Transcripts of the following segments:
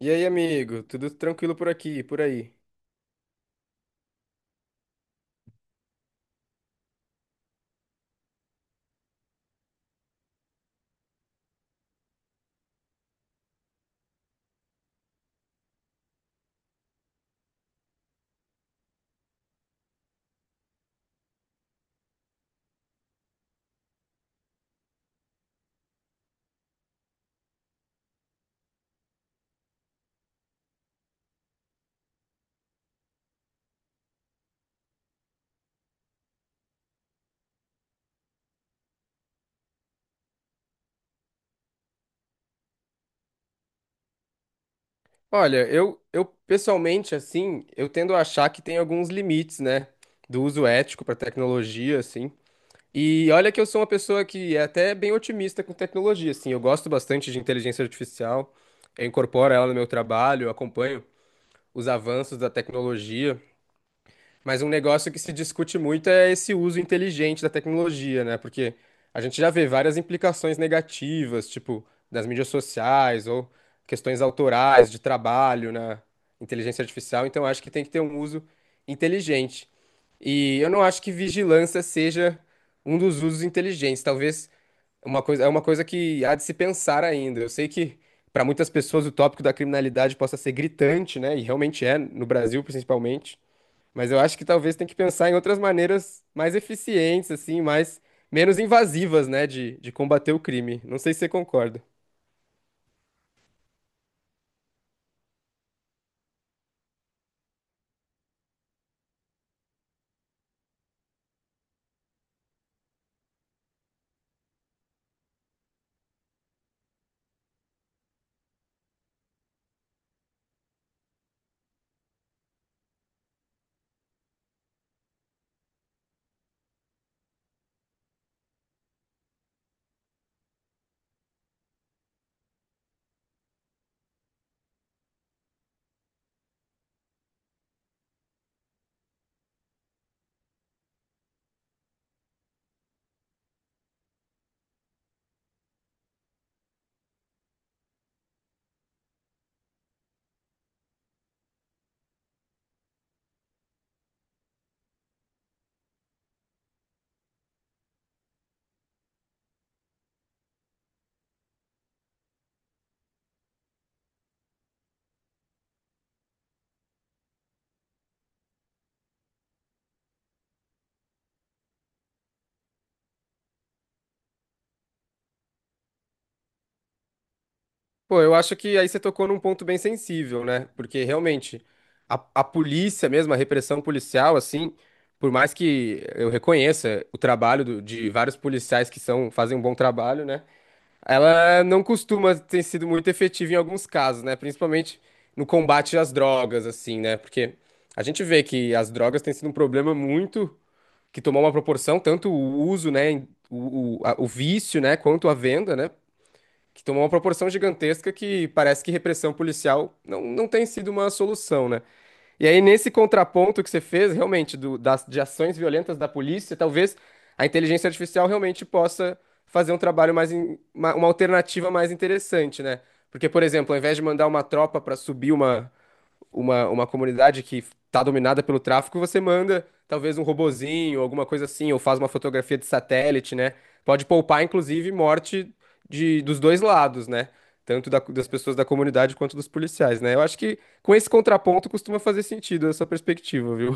E aí, amigo? Tudo tranquilo por aqui, e por aí? Olha, eu pessoalmente, assim, eu tendo a achar que tem alguns limites, né, do uso ético para tecnologia, assim. E olha que eu sou uma pessoa que é até bem otimista com tecnologia, assim. Eu gosto bastante de inteligência artificial, eu incorporo ela no meu trabalho, eu acompanho os avanços da tecnologia. Mas um negócio que se discute muito é esse uso inteligente da tecnologia, né? Porque a gente já vê várias implicações negativas, tipo, das mídias sociais ou questões autorais de trabalho na inteligência artificial. Então, acho que tem que ter um uso inteligente. E eu não acho que vigilância seja um dos usos inteligentes. Talvez uma coisa, é uma coisa que há de se pensar ainda. Eu sei que para muitas pessoas o tópico da criminalidade possa ser gritante, né? E realmente é, no Brasil principalmente. Mas eu acho que talvez tem que pensar em outras maneiras mais eficientes, assim, mais menos invasivas, né, de combater o crime. Não sei se você concorda. Pô, eu acho que aí você tocou num ponto bem sensível, né? Porque realmente a polícia mesmo, a repressão policial, assim, por mais que eu reconheça o trabalho do- de vários policiais que são, fazem um bom trabalho, né? Ela não costuma ter sido muito efetiva em alguns casos, né? Principalmente no combate às drogas, assim, né? Porque a gente vê que as drogas têm sido um problema muito que tomou uma proporção, tanto o uso, né? Em- O a- o vício, né? Quanto a venda, né? Que tomou uma proporção gigantesca que parece que repressão policial não tem sido uma solução, né? E aí, nesse contraponto que você fez, realmente, do- das, de ações violentas da polícia, talvez a inteligência artificial realmente possa fazer um trabalho mais, in- uma alternativa mais interessante, né? Porque, por exemplo, ao invés de mandar uma tropa para subir uma, uma comunidade que está dominada pelo tráfico, você manda talvez um robozinho, alguma coisa assim, ou faz uma fotografia de satélite, né? Pode poupar, inclusive, morte de, dos dois lados, né? Tanto da- das pessoas da comunidade quanto dos policiais, né? Eu acho que com esse contraponto costuma fazer sentido essa perspectiva, viu?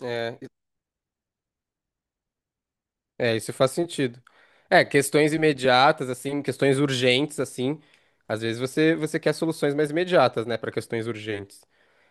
É, é, isso faz sentido. É, questões imediatas, assim, questões urgentes, assim. Às vezes você quer soluções mais imediatas, né, para questões urgentes.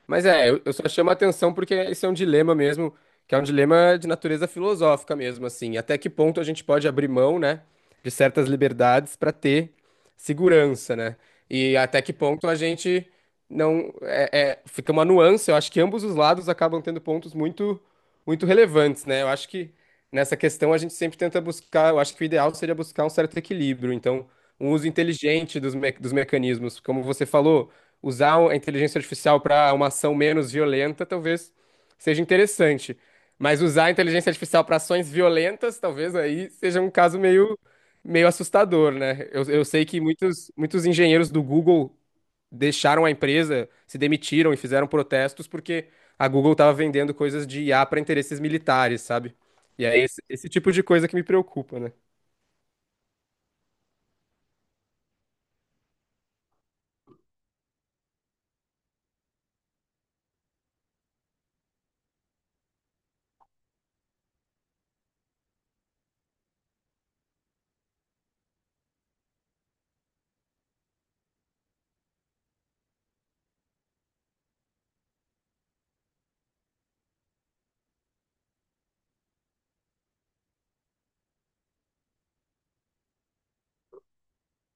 Mas é, eu só chamo a atenção porque esse é um dilema mesmo, que é um dilema de natureza filosófica mesmo, assim. Até que ponto a gente pode abrir mão, né, de certas liberdades para ter segurança, né? E até que ponto a gente não é, é- fica uma nuance. Eu acho que ambos os lados acabam tendo pontos muito, muito relevantes, né? Eu acho que nessa questão a gente sempre tenta buscar. Eu acho que o ideal seria buscar um certo equilíbrio. Então, um uso inteligente dos, me- dos mecanismos, como você falou, usar a inteligência artificial para uma ação menos violenta talvez seja interessante. Mas usar a inteligência artificial para ações violentas talvez aí seja um caso meio, meio assustador, né? Eu sei que muitos, muitos engenheiros do Google deixaram a empresa, se demitiram e fizeram protestos porque a Google estava vendendo coisas de IA para interesses militares, sabe? E é esse, esse tipo de coisa que me preocupa, né?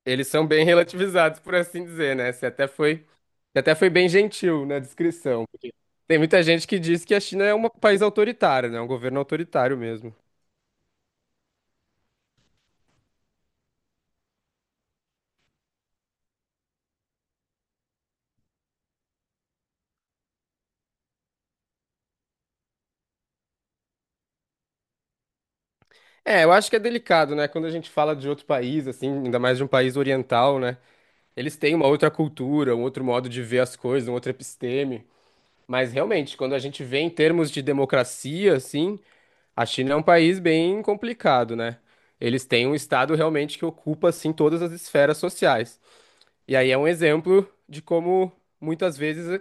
Eles são bem relativizados, por assim dizer, né? Você até foi bem gentil na descrição. Tem muita gente que diz que a China é um país autoritário, né? É um governo autoritário mesmo. É, eu, acho que é delicado, né? Quando a gente fala de outro país, assim, ainda mais de um país oriental, né? Eles têm uma outra cultura, um outro modo de ver as coisas, um outro episteme. Mas realmente, quando a gente vê em termos de democracia, assim, a China é um país bem complicado, né? Eles têm um estado realmente que ocupa, assim, todas as esferas sociais. E aí é um exemplo de como muitas vezes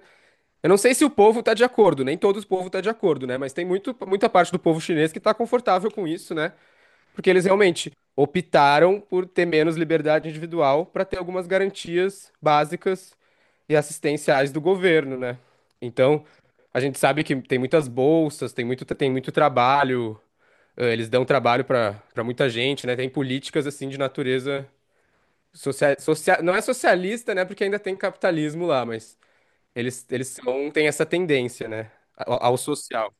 eu não sei se o povo está de acordo, nem todo o povo está de acordo, né? Mas tem muito, muita parte do povo chinês que está confortável com isso, né? Porque eles realmente optaram por ter menos liberdade individual para ter algumas garantias básicas e assistenciais do governo, né? Então, a gente sabe que tem muitas bolsas, tem muito trabalho, eles dão trabalho para muita gente, né? Tem políticas assim de natureza social, social, não é socialista, né? Porque ainda tem capitalismo lá, mas eles são, têm essa tendência, né? Ao, ao social.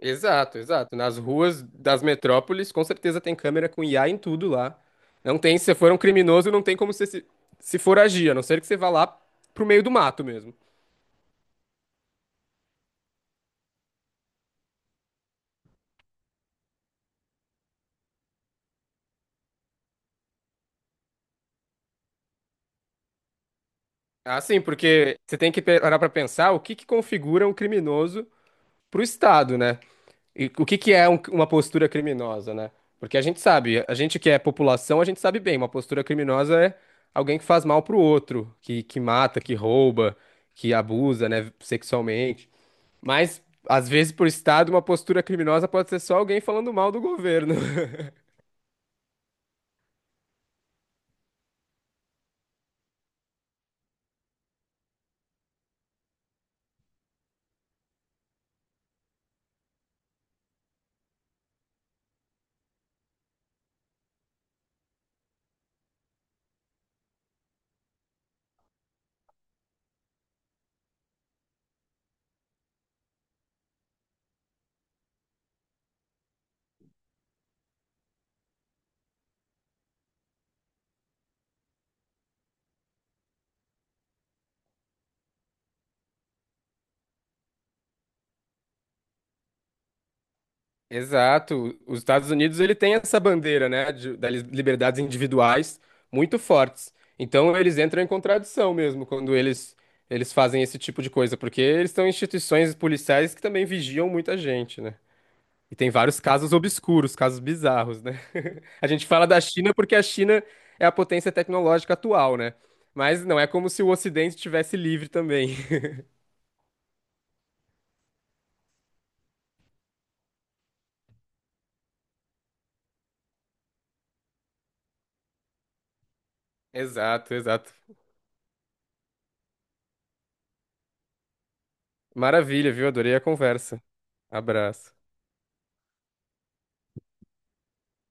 Exato, exato. Nas ruas das metrópoles, com certeza tem câmera com IA em tudo lá. Não tem, se você for um criminoso, não tem como você se, se foragir, a não ser que você vá lá pro meio do mato mesmo. Ah, sim, porque você tem que parar pra pensar o que que configura um criminoso pro Estado, né? E o que que é um- uma postura criminosa, né? Porque a gente sabe, a gente que é população, a gente sabe bem, uma postura criminosa é alguém que faz mal pro outro, que mata, que rouba, que abusa, né, sexualmente. Mas, às vezes, por Estado, uma postura criminosa pode ser só alguém falando mal do governo. Exato. Os Estados Unidos ele tem essa bandeira, né, de, das liberdades individuais muito fortes. Então eles entram em contradição mesmo quando eles fazem esse tipo de coisa, porque eles são instituições policiais que também vigiam muita gente, né? E tem vários casos obscuros, casos bizarros, né? A gente fala da China porque a China é a potência tecnológica atual, né? Mas não é como se o Ocidente tivesse livre também. Exato, exato. Maravilha, viu? Adorei a conversa. Abraço.